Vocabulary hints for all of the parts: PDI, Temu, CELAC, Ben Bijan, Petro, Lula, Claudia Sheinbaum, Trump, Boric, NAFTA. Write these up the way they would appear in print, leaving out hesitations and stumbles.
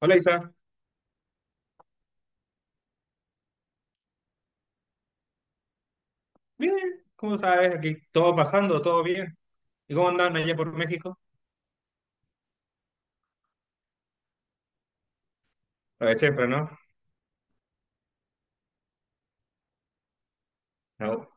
Hola Isa, bien, ¿cómo sabes? Aquí todo pasando, todo bien. ¿Y cómo andan allá por México? Lo de siempre, ¿no? No.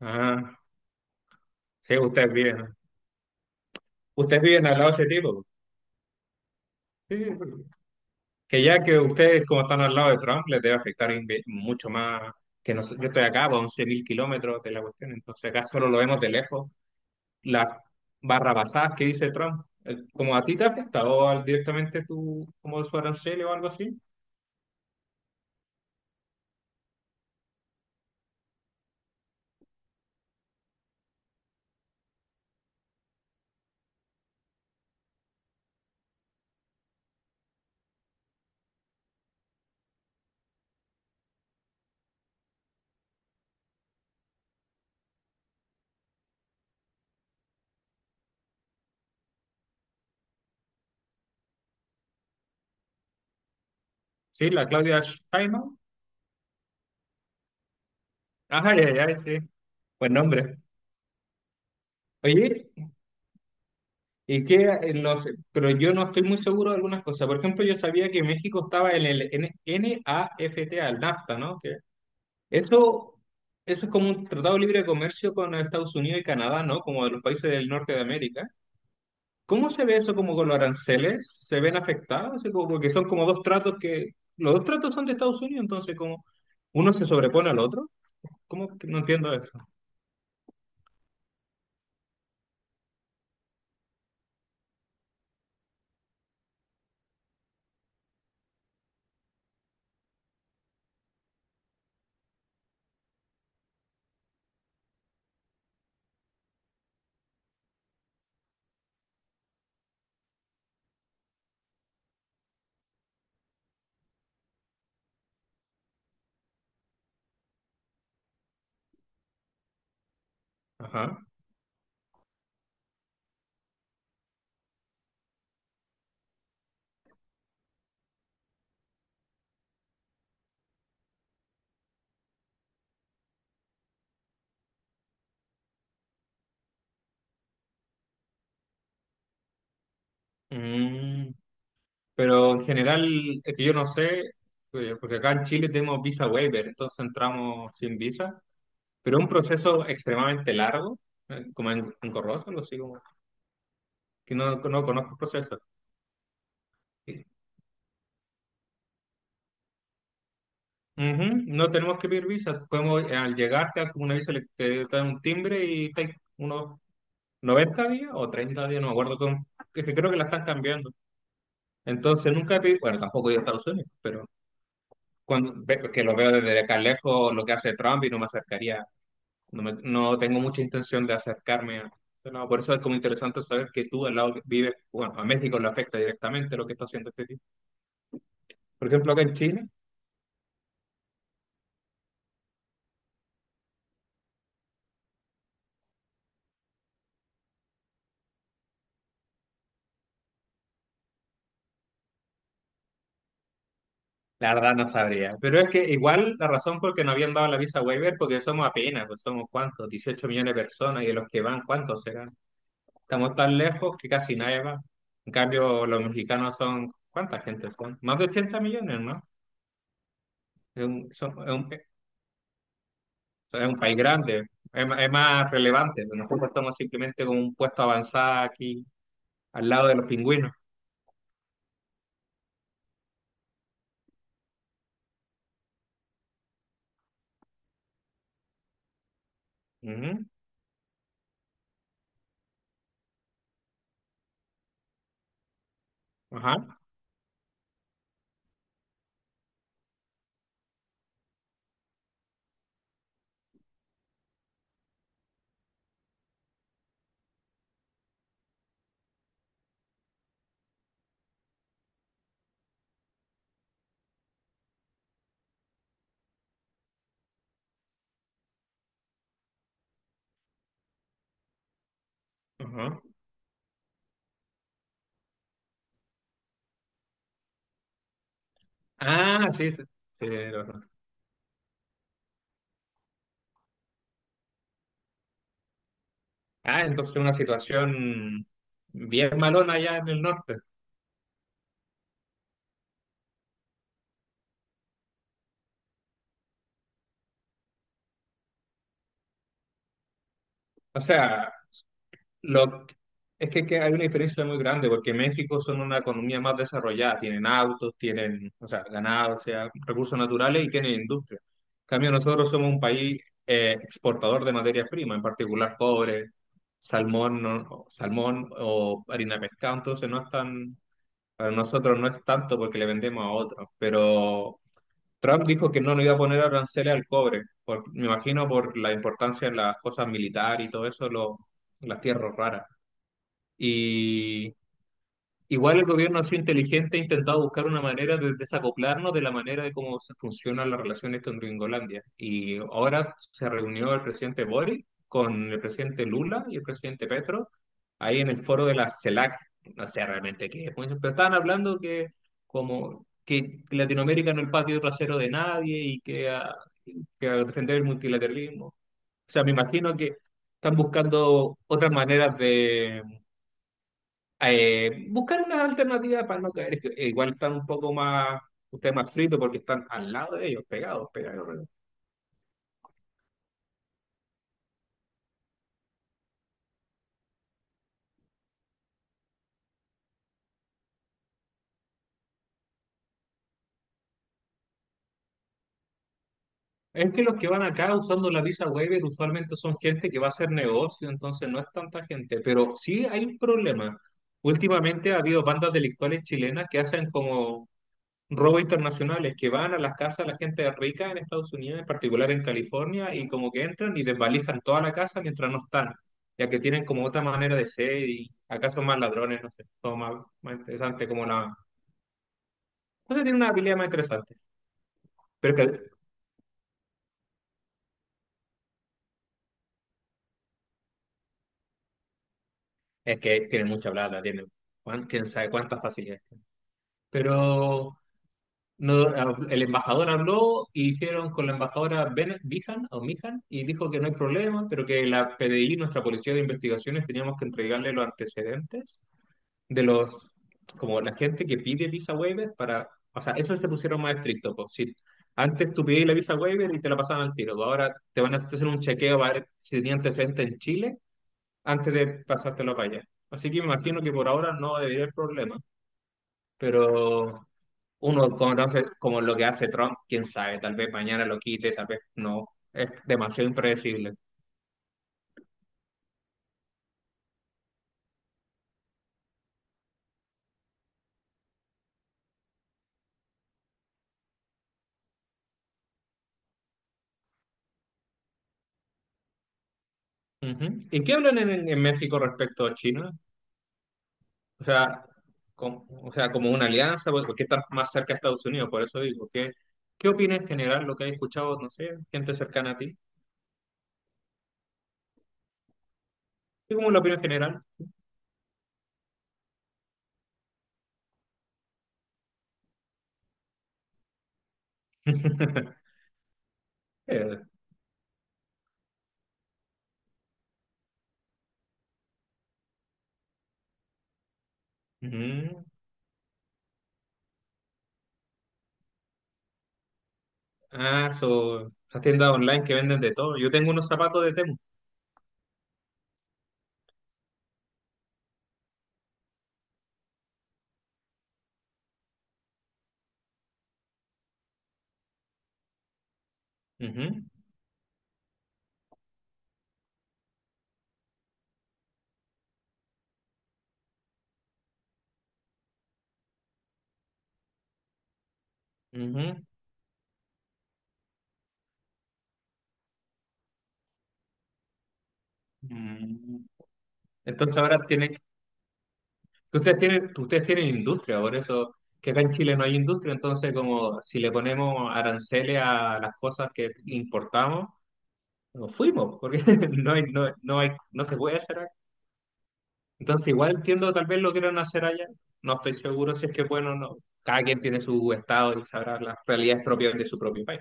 Ah, sí, ustedes viven. Ustedes viven al lado de ese tipo. Sí, que ustedes, como están al lado de Trump, les debe afectar mucho más que nosotros. Yo estoy acá, a 11.000 kilómetros de la cuestión, entonces acá solo lo vemos de lejos. Las barrabasadas que dice Trump. ¿Como a ti te afecta o directamente tú, como su arancel o algo así? Sí, la Claudia Sheinbaum. Ajá, ya, ya, sí. Buen nombre. Oye, y que pero yo no estoy muy seguro de algunas cosas. Por ejemplo, yo sabía que México estaba en el NAFTA, el NAFTA, ¿no? Que eso, eso es como un tratado libre de comercio con Estados Unidos y Canadá, ¿no? Como de los países del norte de América. ¿Cómo se ve eso como con los aranceles? ¿Se ven afectados? Así porque son como dos tratos que, los dos tratos son de Estados Unidos, entonces como uno se sobrepone al otro. ¿Cómo que no entiendo eso? Ajá. Mm. Pero en general, es que yo no sé, porque acá en Chile tenemos visa waiver, entonces entramos sin visa, pero es un proceso extremadamente largo, engorroso, algo así como, que no conozco el proceso. Y- Ujú, no tenemos que pedir visa, podemos, al llegar te dan como una visa, te dan un timbre y estáis unos 90 días o 30 días, no me acuerdo cómo, es que creo que la están cambiando. Entonces nunca he pedido, bueno, tampoco he ido a Estados Unidos, pero cuando, que lo veo desde acá lejos, lo que hace Trump y no me acercaría. No, no tengo mucha intención de acercarme a... No, por eso es como interesante saber que tú al lado que vives, bueno, a México le afecta directamente lo que está haciendo este tipo. Por ejemplo, acá en Chile, la verdad no sabría. Pero es que igual la razón por que no habían dado la visa waiver, porque somos apenas, pues somos cuántos, 18 millones de personas y de los que van, ¿cuántos serán? Estamos tan lejos que casi nadie va. En cambio, los mexicanos son, ¿cuánta gente son? Más de 80 millones, ¿no? Es un, son- es un- sea, es un país grande, es más relevante. Pero nosotros estamos simplemente con un puesto avanzado aquí, al lado de los pingüinos. Ujú, ajá, ajá. Ah, sí, sí, sí, ajá. Ah, entonces una situación bien malona allá en el norte. O sea, Lo, es que hay una diferencia muy grande porque México son una economía más desarrollada, tienen autos, tienen, o sea, ganado, o sea, recursos naturales y tienen industria. En cambio, nosotros somos un país exportador de materias primas, en particular cobre, salmón, no- salmón o harina de pescado, entonces no es tan, para nosotros no es tanto porque le vendemos a otros, pero Trump dijo que no le iba a poner aranceles al cobre, me imagino por la importancia de las cosas militares y todo eso, las tierras raras. Y igual el gobierno ha sido inteligente, ha intentado buscar una manera de desacoplarnos de la manera de cómo se funcionan las relaciones con Gringolandia. Y ahora se reunió el presidente Boric con el presidente Lula y el presidente Petro ahí en el foro de la CELAC. No sé realmente qué es, pero estaban hablando que como que Latinoamérica no es el patio trasero de nadie y que, ah, que al defender el multilateralismo. O sea, me imagino que están buscando otras maneras buscar una alternativa para no caer. Es que, igual están un poco más, ustedes más fritos porque están al lado de ellos, pegados, pegados, pegados. Es que los que van acá usando la visa waiver usualmente son gente que va a hacer negocio, entonces no es tanta gente, pero sí hay un problema. Últimamente ha habido bandas delictuales chilenas que hacen como robos internacionales que van a las casas de la gente rica en Estados Unidos, en particular en California, y como que entran y desvalijan toda la casa mientras no están, ya que tienen como otra manera de ser y acá son más ladrones, no sé, son más, más interesante como la... No sé, tiene una habilidad más interesante, pero que, es que tienen mucha plata, tienen quién sabe cuántas facilidades tienen. Pero no, el embajador habló y hicieron con la embajadora Ben Bijan o Mijan y dijo que no hay problema, pero que la PDI, nuestra policía de investigaciones, teníamos que entregarle los antecedentes de los, como la gente que pide visa waiver para, o sea, eso se pusieron más estricto, pues, si antes tú pedías la visa waiver y te la pasaban al tiro, pues, ahora te van a hacer un chequeo para ver si tenía antecedentes en Chile antes de pasártelo para allá. Así que me imagino que por ahora no debería haber problema, pero uno conoce como lo que hace Trump, quién sabe, tal vez mañana lo quite, tal vez no. Es demasiado impredecible. Ujú. ¿Y qué hablan en México respecto a China? O sea, o sea, como una alianza, porque están más cerca a Estados Unidos, por eso digo, ¿qué opina en general lo que has escuchado, no sé, gente cercana a ti? ¿Y cómo es la opinión general? Eh, ujú. Ah, so, las tiendas online que venden de todo. Yo tengo unos zapatos de Temu. Ujú, ujú. Mm. Entonces ahora tienen. Que ustedes tienen, que ustedes tienen industria, por eso que acá en Chile no hay industria, entonces como si le ponemos aranceles a las cosas que importamos, nos fuimos, porque no hay, no, no hay, no se puede hacer acá. Entonces igual entiendo, tal vez lo quieran hacer allá, no estoy seguro si es que bueno o no. Cada quien tiene su estado y sabrá las realidades propias de su propio país.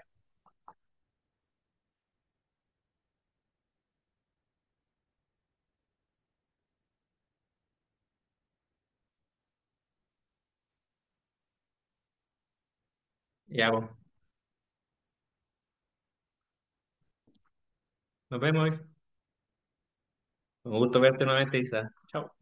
Ya, pues, nos vemos, Isa. Un gusto verte nuevamente, Isa. Chao.